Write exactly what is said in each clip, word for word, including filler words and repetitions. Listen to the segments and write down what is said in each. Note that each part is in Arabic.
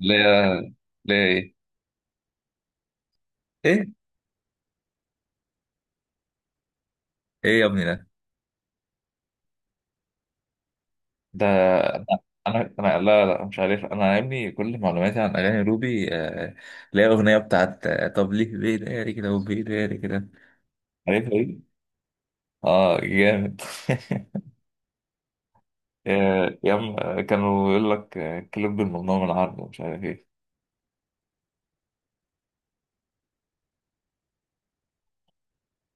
اللي هي اللي هي ايه؟ ايه ايه يا ابني ده؟ ده انا انا لا لا مش عارف، انا يا ابني كل معلوماتي عن اغاني روبي آه، اللي هي اغنيه بتاعت، آه، طب ليه بيداري كده وبيداري كده؟ عارفها دي، اه جامد. آه، يا عم، آه، كانوا يقول لك آه، كليب الممنوع من العرض ومش عارف ايه.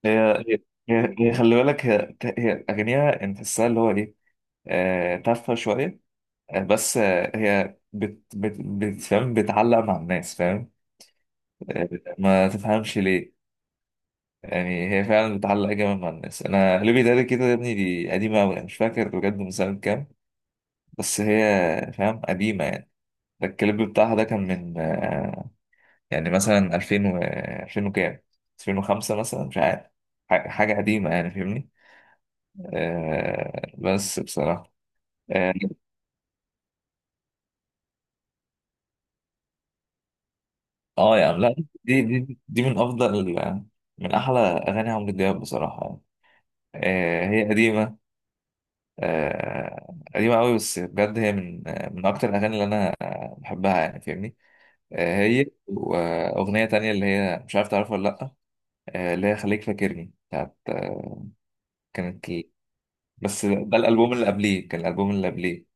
هي هي هي هي خلي بالك، هي هي اغانيها انت تحسها اللي هو ايه، آه، تافهه شويه، آه، بس آه، هي بت بت بت- فاهم بتعلق مع الناس، فاهم؟ ما تفهمش ليه. يعني هي فعلا بتعلق جامد مع الناس، انا اللي بيتقال كده يا ابني دي قديمه قوي، مش فاكر بجد من سنه كام، بس هي فاهم قديمه يعني. ده الكليب بتاعها ده كان من آه، يعني مثلا ألفين و ألفين وكام، ألفين وخمسة مثلا مش عارف، ح- حاجه قديمه يعني فاهمني. آه بس بصراحه اه، آه يعني لا، دي دي دي من افضل، من احلى اغاني عمرو دياب بصراحه يعني. آه هي قديمه، آه، قديمة قوي، بس بجد هي من، آه، من أكتر الأغاني اللي أنا آه، بحبها يعني فاهمني. آه، هي وأغنية تانية اللي هي مش عارف تعرفها ولا لأ، آه، اللي هي خليك فاكرني بتاعت، آه، كانت ال- بس ده الألبوم اللي قبليه، كان الألبوم اللي قبليه.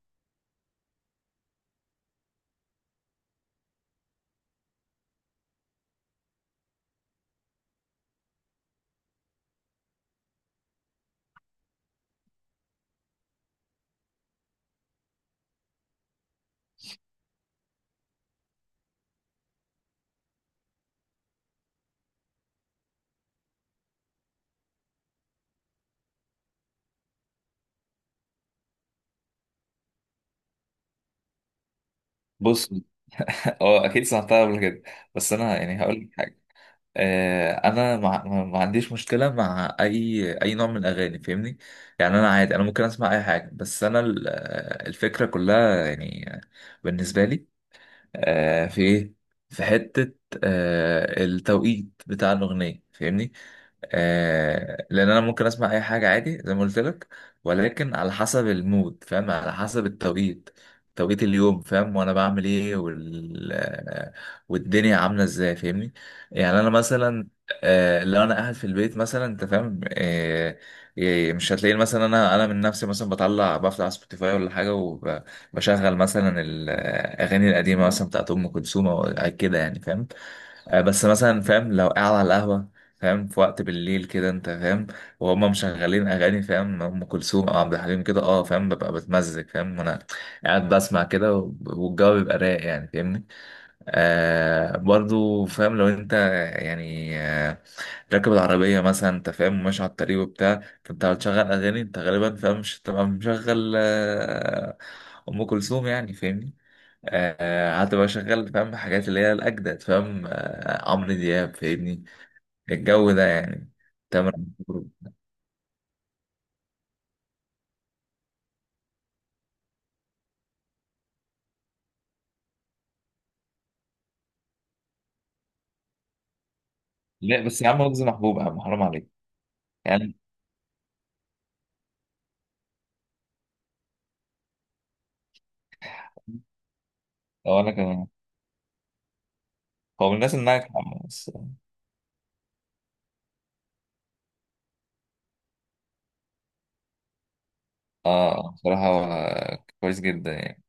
بص، اه أكيد سمعتها قبل كده، بس أنا يعني هقول لك حاجة. آه، أنا ما ما- ما عنديش مشكلة مع أي أي نوع من الأغاني فاهمني، يعني أنا عادي، أنا ممكن أسمع أي حاجة، بس أنا ال- آه، الفكرة كلها يعني بالنسبة لي آه في ايه، في حتة آه التوقيت بتاع الأغنية فاهمني. آه لان انا ممكن اسمع اي حاجه عادي زي ما قلت لك، ولكن على حسب المود، فاهم؟ على حسب التوقيت، توقيت اليوم فاهم، وانا بعمل ايه وال... آه، والدنيا عامله ازاي فاهمني. يعني انا مثلا آه لو انا قاعد في البيت مثلا، انت فاهم؟ آه إيه، مش هتلاقيني مثلا انا انا من نفسي مثلا بطلع بفتح سبوتيفاي ولا حاجه وبشغل مثلا الاغاني القديمه مثلا بتاعت ام كلثوم او كده، يعني فاهم؟ آه، بس مثلا فاهم لو قاعد على القهوة، فاهم؟ في وقت بالليل كده انت فاهم، وهم مشغلين اغاني فاهم، ام كلثوم او عبد الحليم كده، اه فاهم ببقى بتمزج فاهم، وانا قاعد بسمع كده والجو بيبقى رايق يعني فاهمني. آه برضو فاهم لو انت يعني آه راكب العربية مثلا انت فاهم، ماشي على الطريق وبتاع، فانت بتشغل اغاني انت غالبا فاهم مش تبقى مشغل آه ام كلثوم يعني فاهمني. آه، قعدت بقى شغال فاهم حاجات اللي هي الأجدد فاهم، آه، عمرو دياب فاهمني، الجو ده يعني. تامر عاشور. لا بس يا عم رز محبوب، يا عم حرام عليك يعني. هو أنا كمان، هو من الناس اللي ناجحة بس. آه آه، بصراحة هو كويس جدا يعني.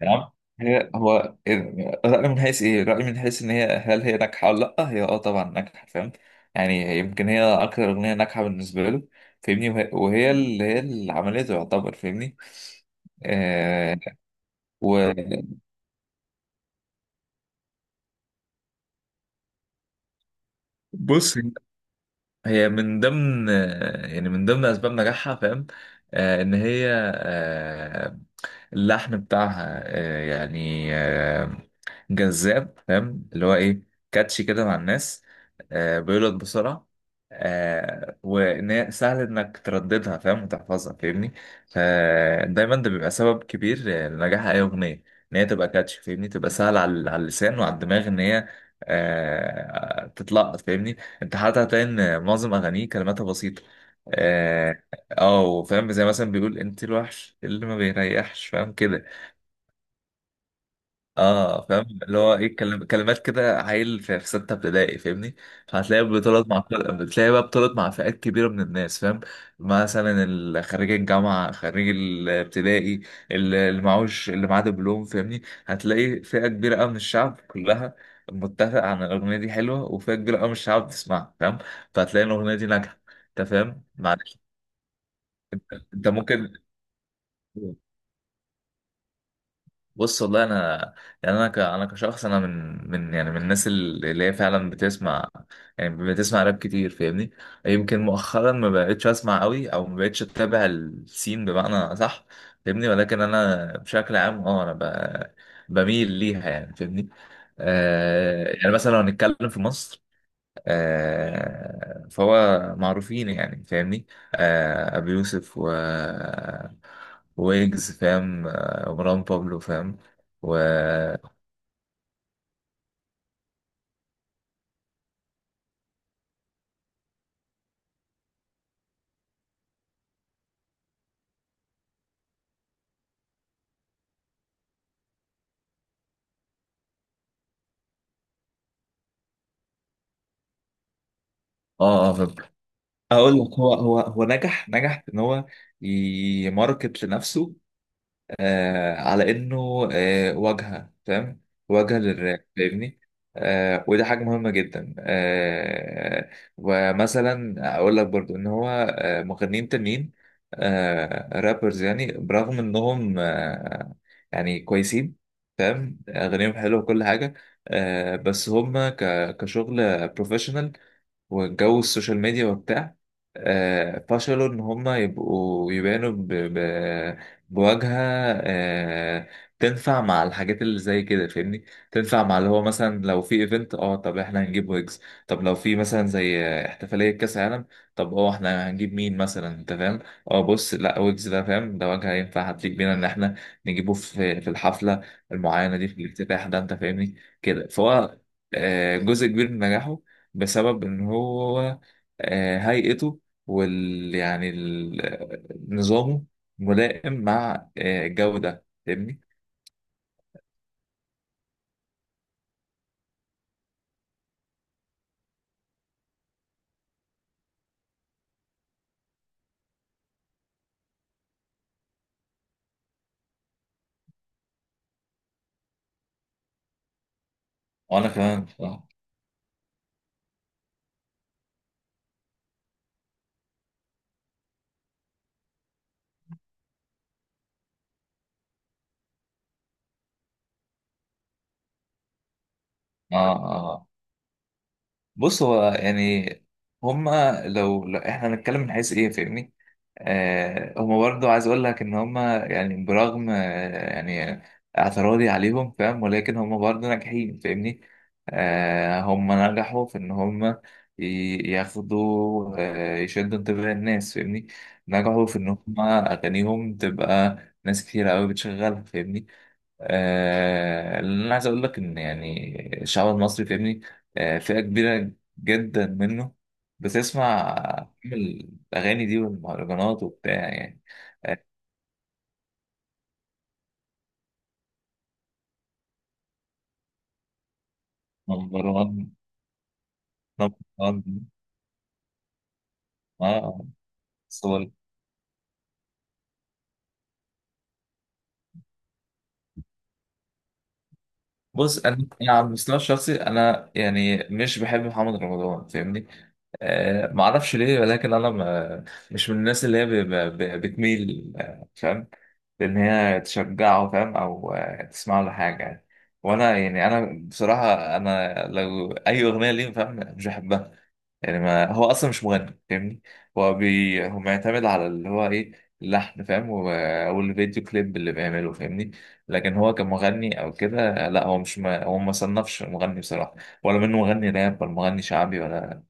تمام، هي هو إيه رأي من حيث ايه، رأي من حيث ان هي، هل هي ناجحة ولا لا؟ هي اه طبعا ناجحة فاهم، يعني هي يمكن هي اكتر اغنية ناجحة بالنسبة له فاهمني، وهي وهي اللي هي اللي عملته يعتبر فاهمني. آه وبص، هي من ضمن، يعني من ضمن اسباب نجاحها فاهم، آه ان هي آه اللحم بتاعها آه يعني آه جذاب، فاهم؟ اللي هو ايه، كاتشي كده مع الناس، آه بيولد بسرعة، آه وان هي سهل انك ترددها فاهم وتحفظها فاهمني. فدايما ده بيبقى سبب كبير آه، لنجاح اي اغنية، ان هي تبقى كاتشي فاهمني، تبقى سهل على على اللسان وعلى الدماغ ان هي آه تتلقط فاهمني. انت حتى هتلاقي ان معظم اغانيه كلماتها بسيطه، اه، آه، وفاهم زي مثلا بيقول انت الوحش اللي ما بيريحش فاهم كده. اه فاهم اللي هو ايه كلم- كلمات كده عيل في في سته ابتدائي فاهمني. فهتلاقيها بتطلع مع كل- بتلاقيها بقى بتطلع مع فئات كبيره من الناس فاهم، مثلا ال- خريج الجامعه، خريج الابتدائي، ال- اللي معهوش، اللي معاه دبلوم فاهمني، هتلاقي فئه كبيره قوي من الشعب كلها متفق عن الاغنيه دي حلوه، وفئه كبيره قوي من الشعب بتسمعها فاهم، فهتلاقي الاغنيه دي ناجحه انت فاهم، معلش. انت ممكن بص والله انا يعني انا ك... انا كشخص، انا من من يعني من الناس اللي اللي هي فعلا بتسمع، يعني بتسمع راب كتير فاهمني. يمكن مؤخرا ما بقتش اسمع قوي او ما بقتش اتابع السين بمعنى صح فاهمني، ولكن انا بشكل عام اه انا ب... بميل ليها يعني فاهمني. آه يعني مثلا لو هنتكلم في مصر، آه فهو معروفين يعني فاهمني، آه ابي يوسف و ويجز فاهم، آه، مروان بابلو فاهم و اه، اه فاهم. هقول لك هو هو هو نجح، نجح في ان هو يماركت لنفسه آه على انه آه واجهه فاهم، واجهه للراب فاهمني. آه وده حاجه مهمه جدا، آه ومثلا اقول لك برضو ان هو آه مغنيين تانيين، آه رابرز يعني برغم انهم آه يعني كويسين فاهم، اغانيهم حلوه وكل حاجه آه بس هم ك- كشغل بروفيشنال وجو السوشيال ميديا وبتاع آه، فشلوا إن هما يبقوا يبانوا ب... ب... بواجهة آه، تنفع مع الحاجات اللي زي كده فاهمني. تنفع مع اللي هو مثلا لو في ايفنت، اه طب احنا هنجيب ويجز. طب لو في مثلا زي آه، احتفالية كأس عالم، طب اه احنا هنجيب مين مثلا انت فاهم؟ اه بص لا، ويجز ده فاهم، ده واجهة ينفع هتليق بينا ان احنا نجيبه في في الحفلة المعينة دي، في الافتتاح ده انت فاهمني. كده فهو آه، جزء كبير من نجاحه بسبب ان هو آه، هيئته وال يعني ال- نظامه ملائم مع آه، الجو ده فاهمني. وانا كمان بصراحة. اه آه، آه. بص هو يعني هما لو، لو احنا هنتكلم من حيث ايه فاهمني، آه هما برضو عايز اقول لك ان هما يعني برغم آه يعني اعتراضي عليهم فاهم، ولكن هما برضو ناجحين فاهمني. آه هما نجحوا في ان هما ي- ياخدوا آه يشدوا انتباه الناس فاهمني. نجحوا في ان هما اغانيهم تبقى ناس كتير قوي بتشغلها فاهمني. آه، اللي انا عايز اقول لك ان يعني الشعب المصري فاهمني، آه، فئه كبيره جدا منه بتسمع الاغاني دي والمهرجانات وبتاع يعني. آه، نمبر واحد، نمبر واحد، اه بص انا أنا على المستوى الشخصي انا يعني مش بحب محمد رمضان فاهمني. آه ما اعرفش ليه، ولكن انا ما، مش من الناس اللي هي ب- ب- ب- بتميل آه، فاهم لان هي تشجعه فاهم، او آه، تسمع له حاجه يعني. وانا يعني انا بصراحه انا لو اي اغنيه ليه فاهم مش بحبها، يعني ما هو اصلا مش مغني فاهمني. هو بي هو معتمد على اللي هو ايه، اللحن فاهم، و- والفيديو كليب اللي بيعمله فاهمني. لكن هو كمغني او كده لا، هو مش، ما هو ما صنفش مغني بصراحه، ولا منه مغني راب ولا مغني شعبي ولا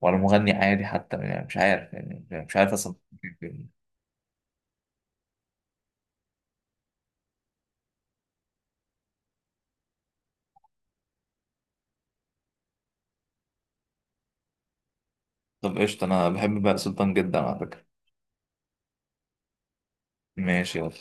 ولا مغني عادي حتى يعني، مش عارف يعني مش عارف اصلا. طب قشطه، انا بحب بقى سلطان جدا على فكره، ماشي يلا.